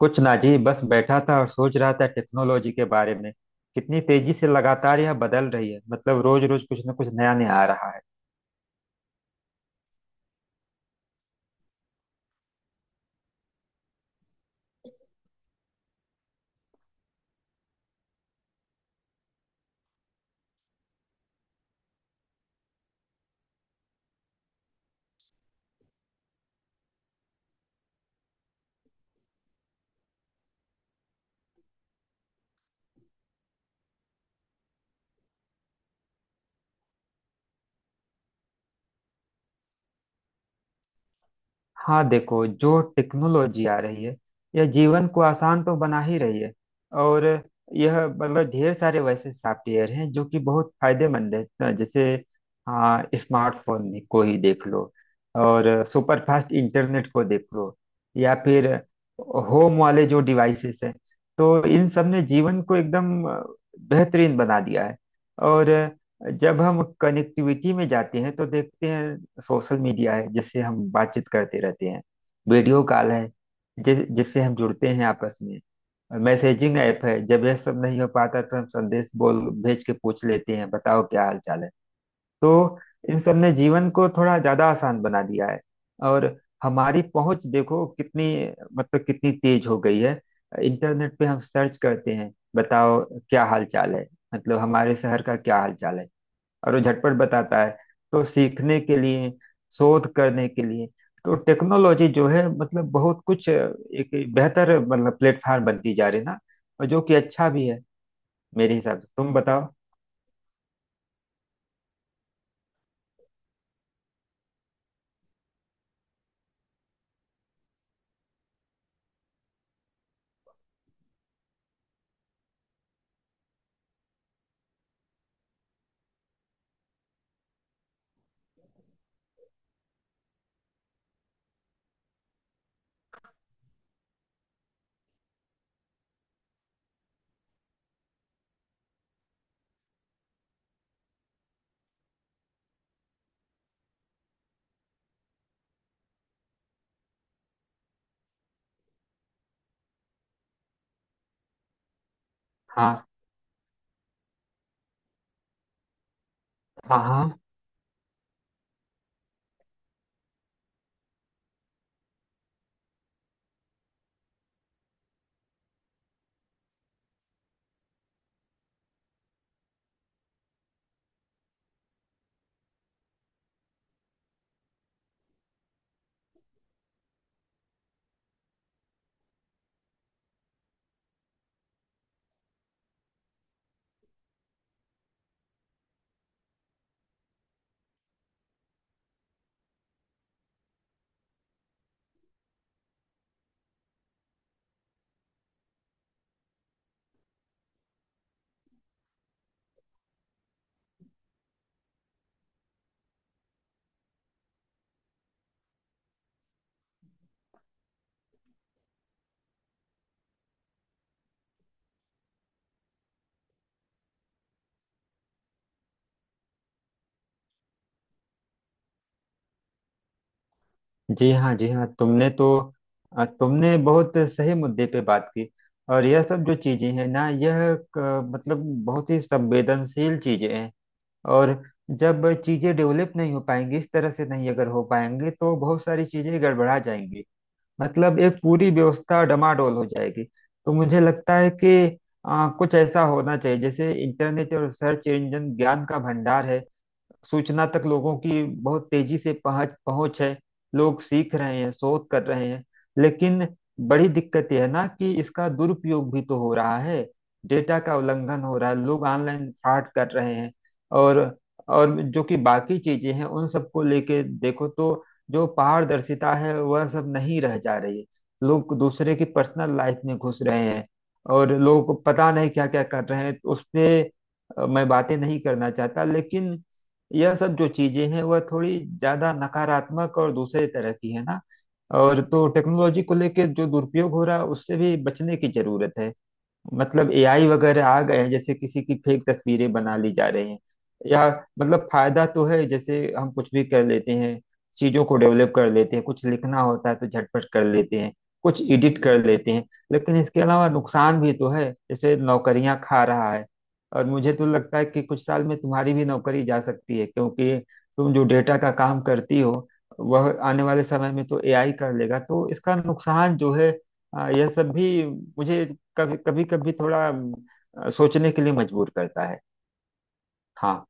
कुछ ना जी। बस बैठा था और सोच रहा था टेक्नोलॉजी के बारे में, कितनी तेजी से लगातार यह बदल रही है, मतलब रोज रोज कुछ ना कुछ नया नया आ रहा है। हाँ, देखो जो टेक्नोलॉजी आ रही है, यह जीवन को आसान तो बना ही रही है। और यह मतलब ढेर सारे वैसे सॉफ्टवेयर हैं जो कि बहुत फायदेमंद है। तो जैसे हाँ, स्मार्टफोन को ही देख लो, और सुपर फास्ट इंटरनेट को देख लो, या फिर होम वाले जो डिवाइसेस हैं, तो इन सब ने जीवन को एकदम बेहतरीन बना दिया है। और जब हम कनेक्टिविटी में जाते हैं तो देखते हैं सोशल मीडिया है, जिससे हम बातचीत करते रहते हैं। वीडियो कॉल है, जिससे हम जुड़ते हैं आपस में। मैसेजिंग ऐप है, जब यह सब नहीं हो पाता तो हम संदेश बोल भेज के पूछ लेते हैं, बताओ क्या हाल चाल है। तो इन सब ने जीवन को थोड़ा ज्यादा आसान बना दिया है। और हमारी पहुंच देखो कितनी, मतलब कितनी तेज हो गई है। इंटरनेट पे हम सर्च करते हैं, बताओ क्या हाल चाल है, मतलब हमारे शहर का क्या हाल चाल है, और वो झटपट बताता है। तो सीखने के लिए, शोध करने के लिए, तो टेक्नोलॉजी जो है मतलब बहुत कुछ एक बेहतर मतलब प्लेटफॉर्म बनती जा रही है ना, और जो कि अच्छा भी है। मेरे हिसाब से तुम बताओ। हाँ, हाँ। हाँ जी। हाँ जी। हाँ, तुमने तो। तुमने बहुत सही मुद्दे पे बात की। और यह सब जो चीजें हैं ना, यह मतलब बहुत ही संवेदनशील चीजें हैं। और जब चीजें डेवलप नहीं हो पाएंगी, इस तरह से नहीं अगर हो पाएंगे तो बहुत सारी चीजें गड़बड़ा जाएंगी, मतलब एक पूरी व्यवस्था डमाडोल हो जाएगी। तो मुझे लगता है कि कुछ ऐसा होना चाहिए जैसे इंटरनेट और सर्च इंजन ज्ञान का भंडार है। सूचना तक लोगों की बहुत तेजी से पहुंच पहुंच है। लोग सीख रहे हैं, शोध कर रहे हैं, लेकिन बड़ी दिक्कत यह है ना कि इसका दुरुपयोग भी तो हो रहा है। डेटा का उल्लंघन हो रहा है, लोग ऑनलाइन फ्रॉड कर रहे हैं, और और जो कि बाकी चीजें हैं उन सबको लेके देखो, तो जो पारदर्शिता है वह सब नहीं रह जा रही है। लोग दूसरे की पर्सनल लाइफ में घुस रहे हैं, और लोग पता नहीं क्या क्या कर रहे हैं उस पे। मैं बातें नहीं करना चाहता, लेकिन यह सब जो चीजें हैं वह थोड़ी ज्यादा नकारात्मक और दूसरे तरह की है ना। और तो टेक्नोलॉजी को लेकर जो दुरुपयोग हो रहा है उससे भी बचने की जरूरत है। मतलब एआई वगैरह आ गए हैं, जैसे किसी की फेक तस्वीरें बना ली जा रही हैं, या मतलब फायदा तो है, जैसे हम कुछ भी कर लेते हैं, चीजों को डेवलप कर लेते हैं, कुछ लिखना होता है तो झटपट कर लेते हैं, कुछ एडिट कर लेते हैं। लेकिन इसके अलावा नुकसान भी तो है, जैसे नौकरियां खा रहा है। और मुझे तो लगता है कि कुछ साल में तुम्हारी भी नौकरी जा सकती है, क्योंकि तुम जो डेटा का काम करती हो वह आने वाले समय में तो एआई कर लेगा। तो इसका नुकसान जो है, हाँ यह सब भी मुझे कभी कभी कभी थोड़ा सोचने के लिए मजबूर करता है। हाँ,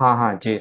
हाँ। हाँ जी।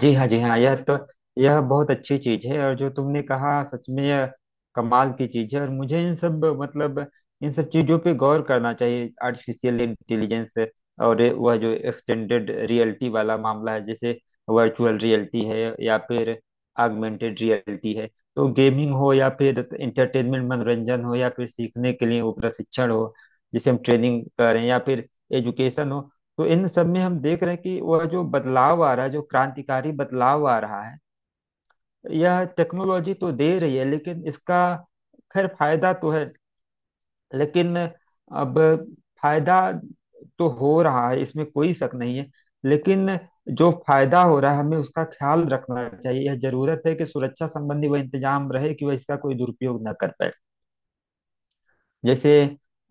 जी हाँ। जी हाँ, यह तो, यह बहुत अच्छी चीज है। और जो तुमने कहा सच में यह कमाल की चीज है। और मुझे इन सब मतलब इन सब चीजों पे गौर करना चाहिए। आर्टिफिशियल इंटेलिजेंस और वह जो एक्सटेंडेड रियलिटी वाला मामला है, जैसे वर्चुअल रियलिटी है या फिर आगमेंटेड रियलिटी है, तो गेमिंग हो या फिर इंटरटेनमेंट मनोरंजन हो या फिर सीखने के लिए वो प्रशिक्षण हो, जिसे हम ट्रेनिंग करें, या फिर एजुकेशन हो, तो इन सब में हम देख रहे हैं कि वह जो बदलाव आ रहा है, जो क्रांतिकारी बदलाव आ रहा है, यह टेक्नोलॉजी तो दे रही है। लेकिन इसका खैर फायदा तो है, लेकिन अब फायदा तो हो रहा है, इसमें कोई शक नहीं है। लेकिन जो फायदा हो रहा है हमें उसका ख्याल रखना चाहिए। यह जरूरत है कि सुरक्षा संबंधी वह इंतजाम रहे कि वह इसका कोई दुरुपयोग न कर पाए। जैसे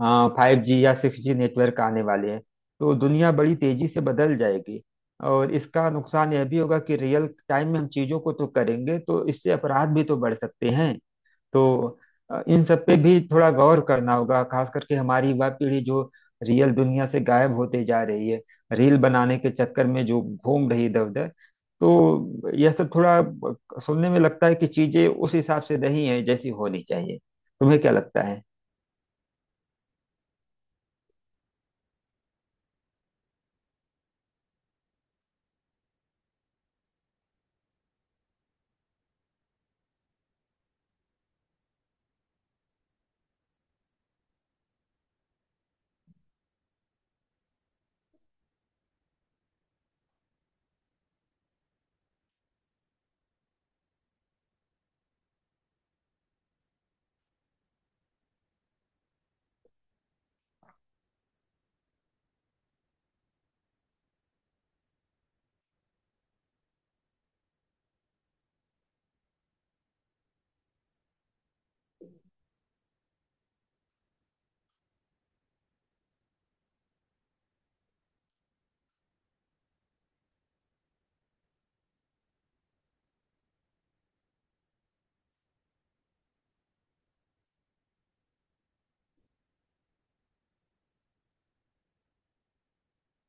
5G या 6G नेटवर्क आने वाले हैं, तो दुनिया बड़ी तेजी से बदल जाएगी। और इसका नुकसान यह भी होगा कि रियल टाइम में हम चीजों को तो करेंगे, तो इससे अपराध भी तो बढ़ सकते हैं। तो इन सब पे भी थोड़ा गौर करना होगा, खास करके हमारी युवा पीढ़ी जो रियल दुनिया से गायब होते जा रही है, रील बनाने के चक्कर में जो घूम रही इधर उधर। तो यह सब थोड़ा सुनने में लगता है कि चीजें उस हिसाब से नहीं है जैसी होनी चाहिए। तुम्हें क्या लगता है?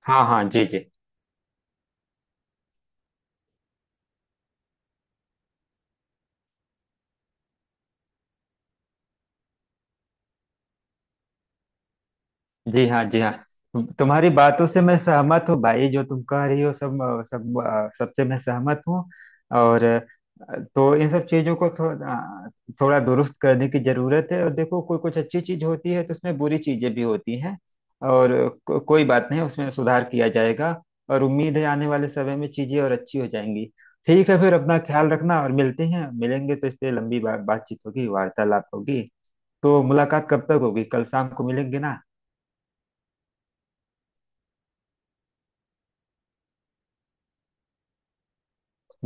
हाँ, हाँ। जी, जी। जी हाँ। जी हाँ, तुम्हारी बातों से मैं सहमत हूँ भाई। जो तुम कह रही हो सबसे मैं सहमत हूँ। और तो इन सब चीजों को थोड़ा थोड़ा दुरुस्त करने की जरूरत है। और देखो कोई कुछ अच्छी चीज होती है तो उसमें बुरी चीजें भी होती हैं, और कोई बात नहीं, उसमें सुधार किया जाएगा। और उम्मीद है आने वाले समय में चीजें और अच्छी हो जाएंगी। ठीक है फिर, अपना ख्याल रखना, और मिलते हैं। मिलेंगे तो इस पे लंबी बातचीत होगी, वार्तालाप होगी। तो मुलाकात कब तक होगी? कल शाम को मिलेंगे ना?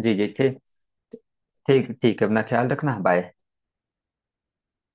जी जी। ठीक, ठीक, ठीक है। अपना ख्याल रखना। बाय।